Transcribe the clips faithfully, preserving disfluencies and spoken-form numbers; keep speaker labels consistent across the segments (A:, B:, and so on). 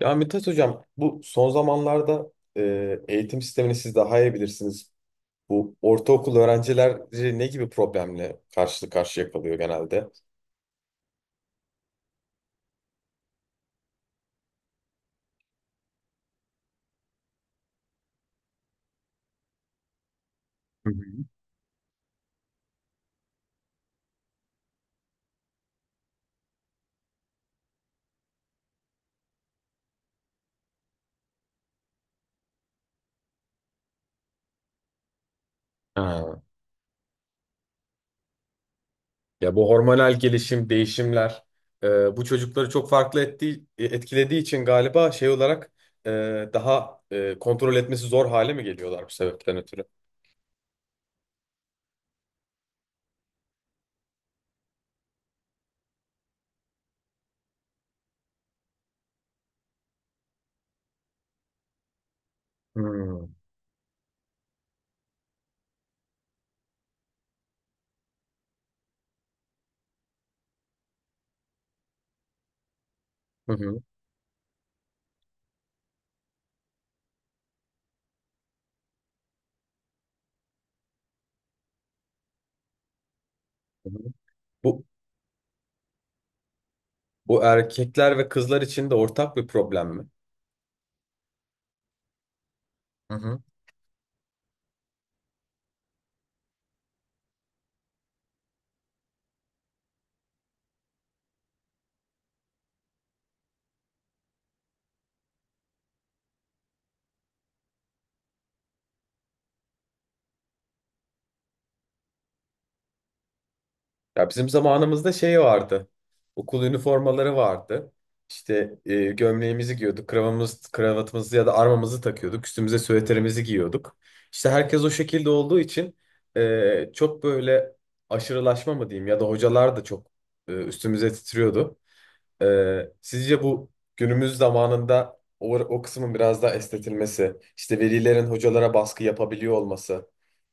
A: Ya Mithat Hocam, bu son zamanlarda e, eğitim sistemini siz daha iyi bilirsiniz. Bu ortaokul öğrencileri ne gibi problemle karşı karşıya kalıyor genelde? Ha. Ya bu hormonal gelişim, değişimler e, bu çocukları çok farklı ettiği, e, etkilediği için galiba şey olarak e, daha e, kontrol etmesi zor hale mi geliyorlar bu sebepten ötürü? Hmm. Hı hı. Hı hı. Bu Bu erkekler ve kızlar için de ortak bir problem mi? Hı hı. Ya bizim zamanımızda şey vardı. Okul üniformaları vardı. İşte e, gömleğimizi giyiyorduk, kravamız, kravatımızı ya da armamızı takıyorduk, üstümüze süveterimizi giyiyorduk. İşte herkes o şekilde olduğu için e, çok böyle aşırılaşma mı diyeyim ya da hocalar da çok e, üstümüze titriyordu. Ee, sizce bu günümüz zamanında o, o kısmın biraz daha estetilmesi, işte velilerin hocalara baskı yapabiliyor olması.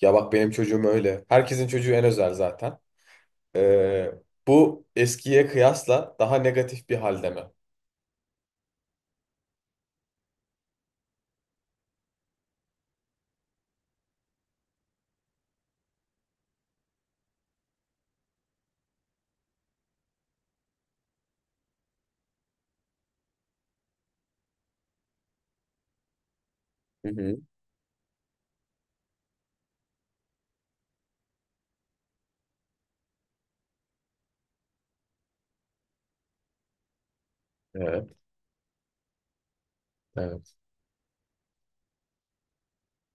A: Ya bak benim çocuğum öyle. Herkesin çocuğu en özel zaten. Ee, bu eskiye kıyasla daha negatif bir halde mi? Hı hı. Evet, evet.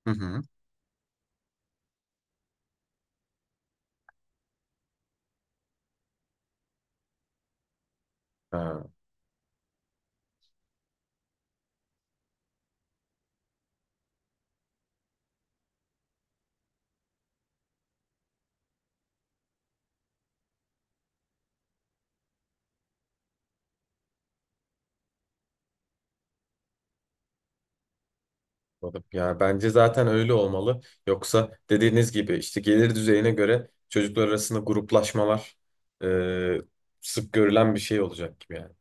A: Hı hı. Ha, anladım. Ya bence zaten öyle olmalı. Yoksa dediğiniz gibi işte gelir düzeyine göre çocuklar arasında gruplaşmalar e, sık görülen bir şey olacak gibi yani.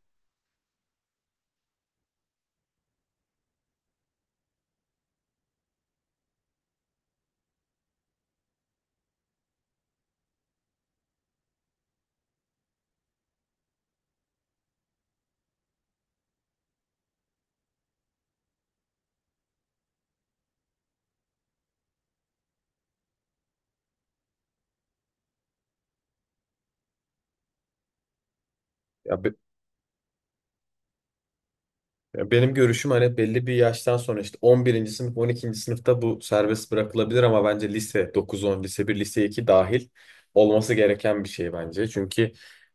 A: Ya, be- Ya benim görüşüm hani belli bir yaştan sonra işte on birinci sınıf on ikinci sınıfta bu serbest bırakılabilir ama bence lise dokuz on lise bir lise iki dahil olması gereken bir şey bence. Çünkü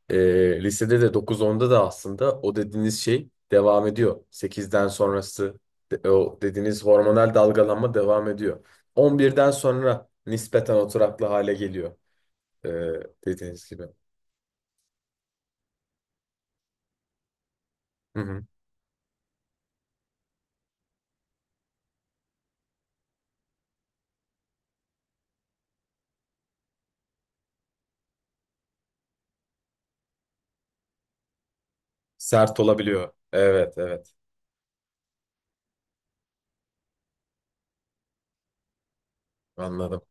A: e, lisede de dokuz onda da aslında o dediğiniz şey devam ediyor. Sekizden sonrası de- o dediğiniz hormonal dalgalanma devam ediyor. On birden sonra nispeten oturaklı hale geliyor, e, dediğiniz gibi. Hı hı. Sert olabiliyor. Evet, evet, anladım.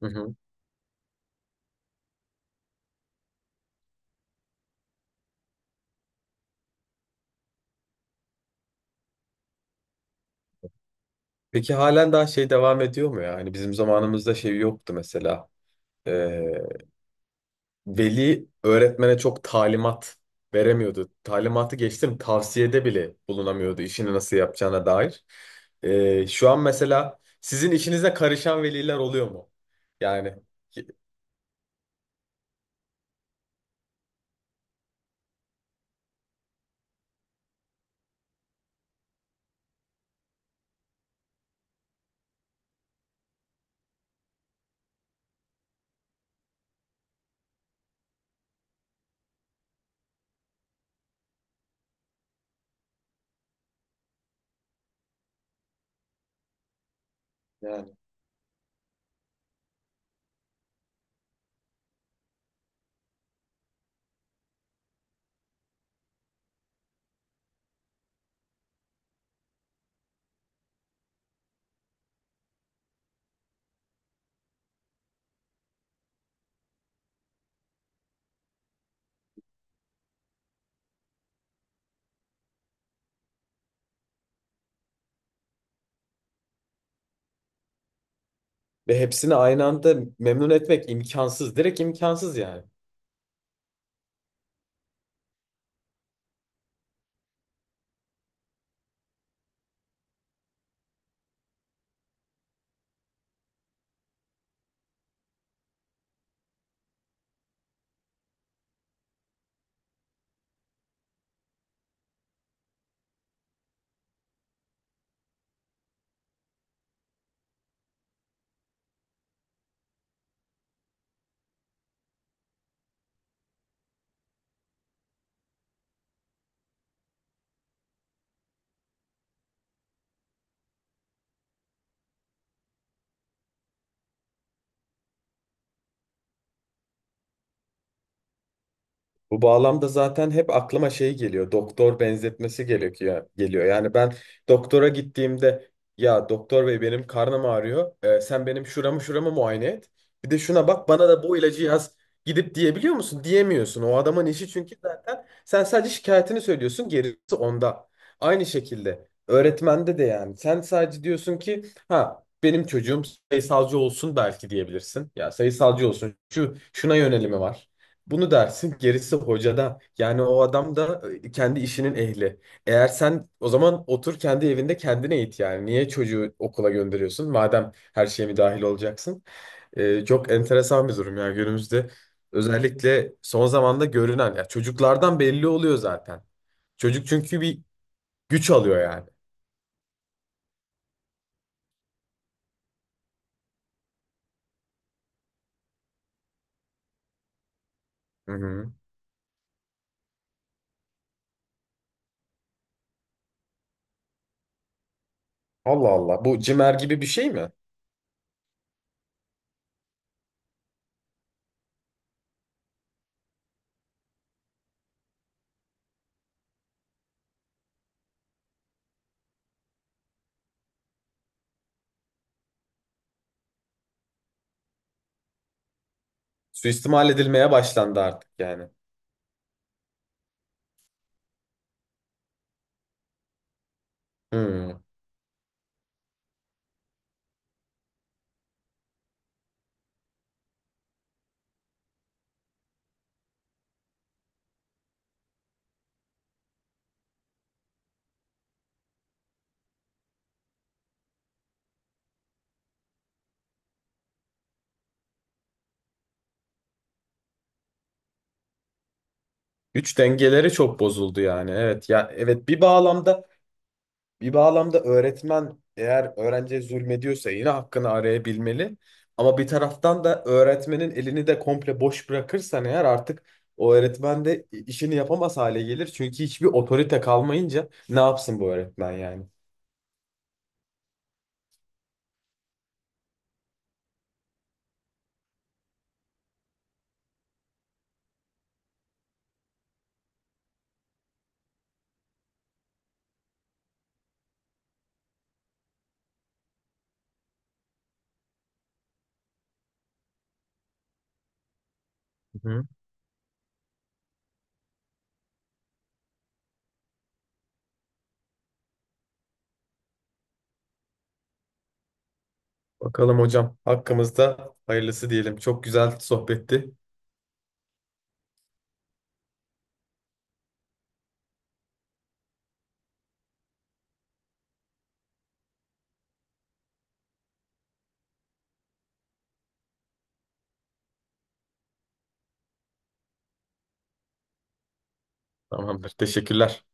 A: Hı hı. Peki halen daha şey devam ediyor mu ya? Hani bizim zamanımızda şey yoktu mesela. Ee, veli öğretmene çok talimat veremiyordu. Talimatı geçtim tavsiyede bile bulunamıyordu işini nasıl yapacağına dair. Ee, şu an mesela sizin işinize karışan veliler oluyor mu? Yani Yani ve hepsini aynı anda memnun etmek imkansız. Direkt imkansız yani. Bu bağlamda zaten hep aklıma şey geliyor. Doktor benzetmesi gerekiyor geliyor. Yani ben doktora gittiğimde ya doktor bey benim karnım ağrıyor. Ee, sen benim şuramı şuramı muayene et. Bir de şuna bak bana da bu ilacı yaz gidip diyebiliyor musun? Diyemiyorsun. O adamın işi çünkü zaten sen sadece şikayetini söylüyorsun. Gerisi onda. Aynı şekilde öğretmende de yani sen sadece diyorsun ki ha benim çocuğum sayısalcı olsun belki diyebilirsin. Ya sayısalcı olsun. Şu şuna yönelimi var. Bunu dersin gerisi hocada. Yani o adam da e, kendi işinin ehli. Eğer sen o zaman otur kendi evinde kendine eğit yani. Niye çocuğu okula gönderiyorsun? Madem her şeye mi dahil olacaksın? E, çok enteresan bir durum ya günümüzde. Özellikle son zamanda görünen. Ya çocuklardan belli oluyor zaten. Çocuk çünkü bir güç alıyor yani. Hı hı. Allah Allah. Bu cimer gibi bir şey mi? Suistimal edilmeye başlandı artık yani. Hı. Güç dengeleri çok bozuldu yani. Evet ya, evet, bir bağlamda bir bağlamda öğretmen eğer öğrenciye zulmediyorsa yine hakkını arayabilmeli. Ama bir taraftan da öğretmenin elini de komple boş bırakırsan eğer artık o öğretmen de işini yapamaz hale gelir. Çünkü hiçbir otorite kalmayınca ne yapsın bu öğretmen yani? Hı hı. Bakalım hocam. Hakkımızda hayırlısı diyelim. Çok güzel sohbetti. Tamamdır. Teşekkürler.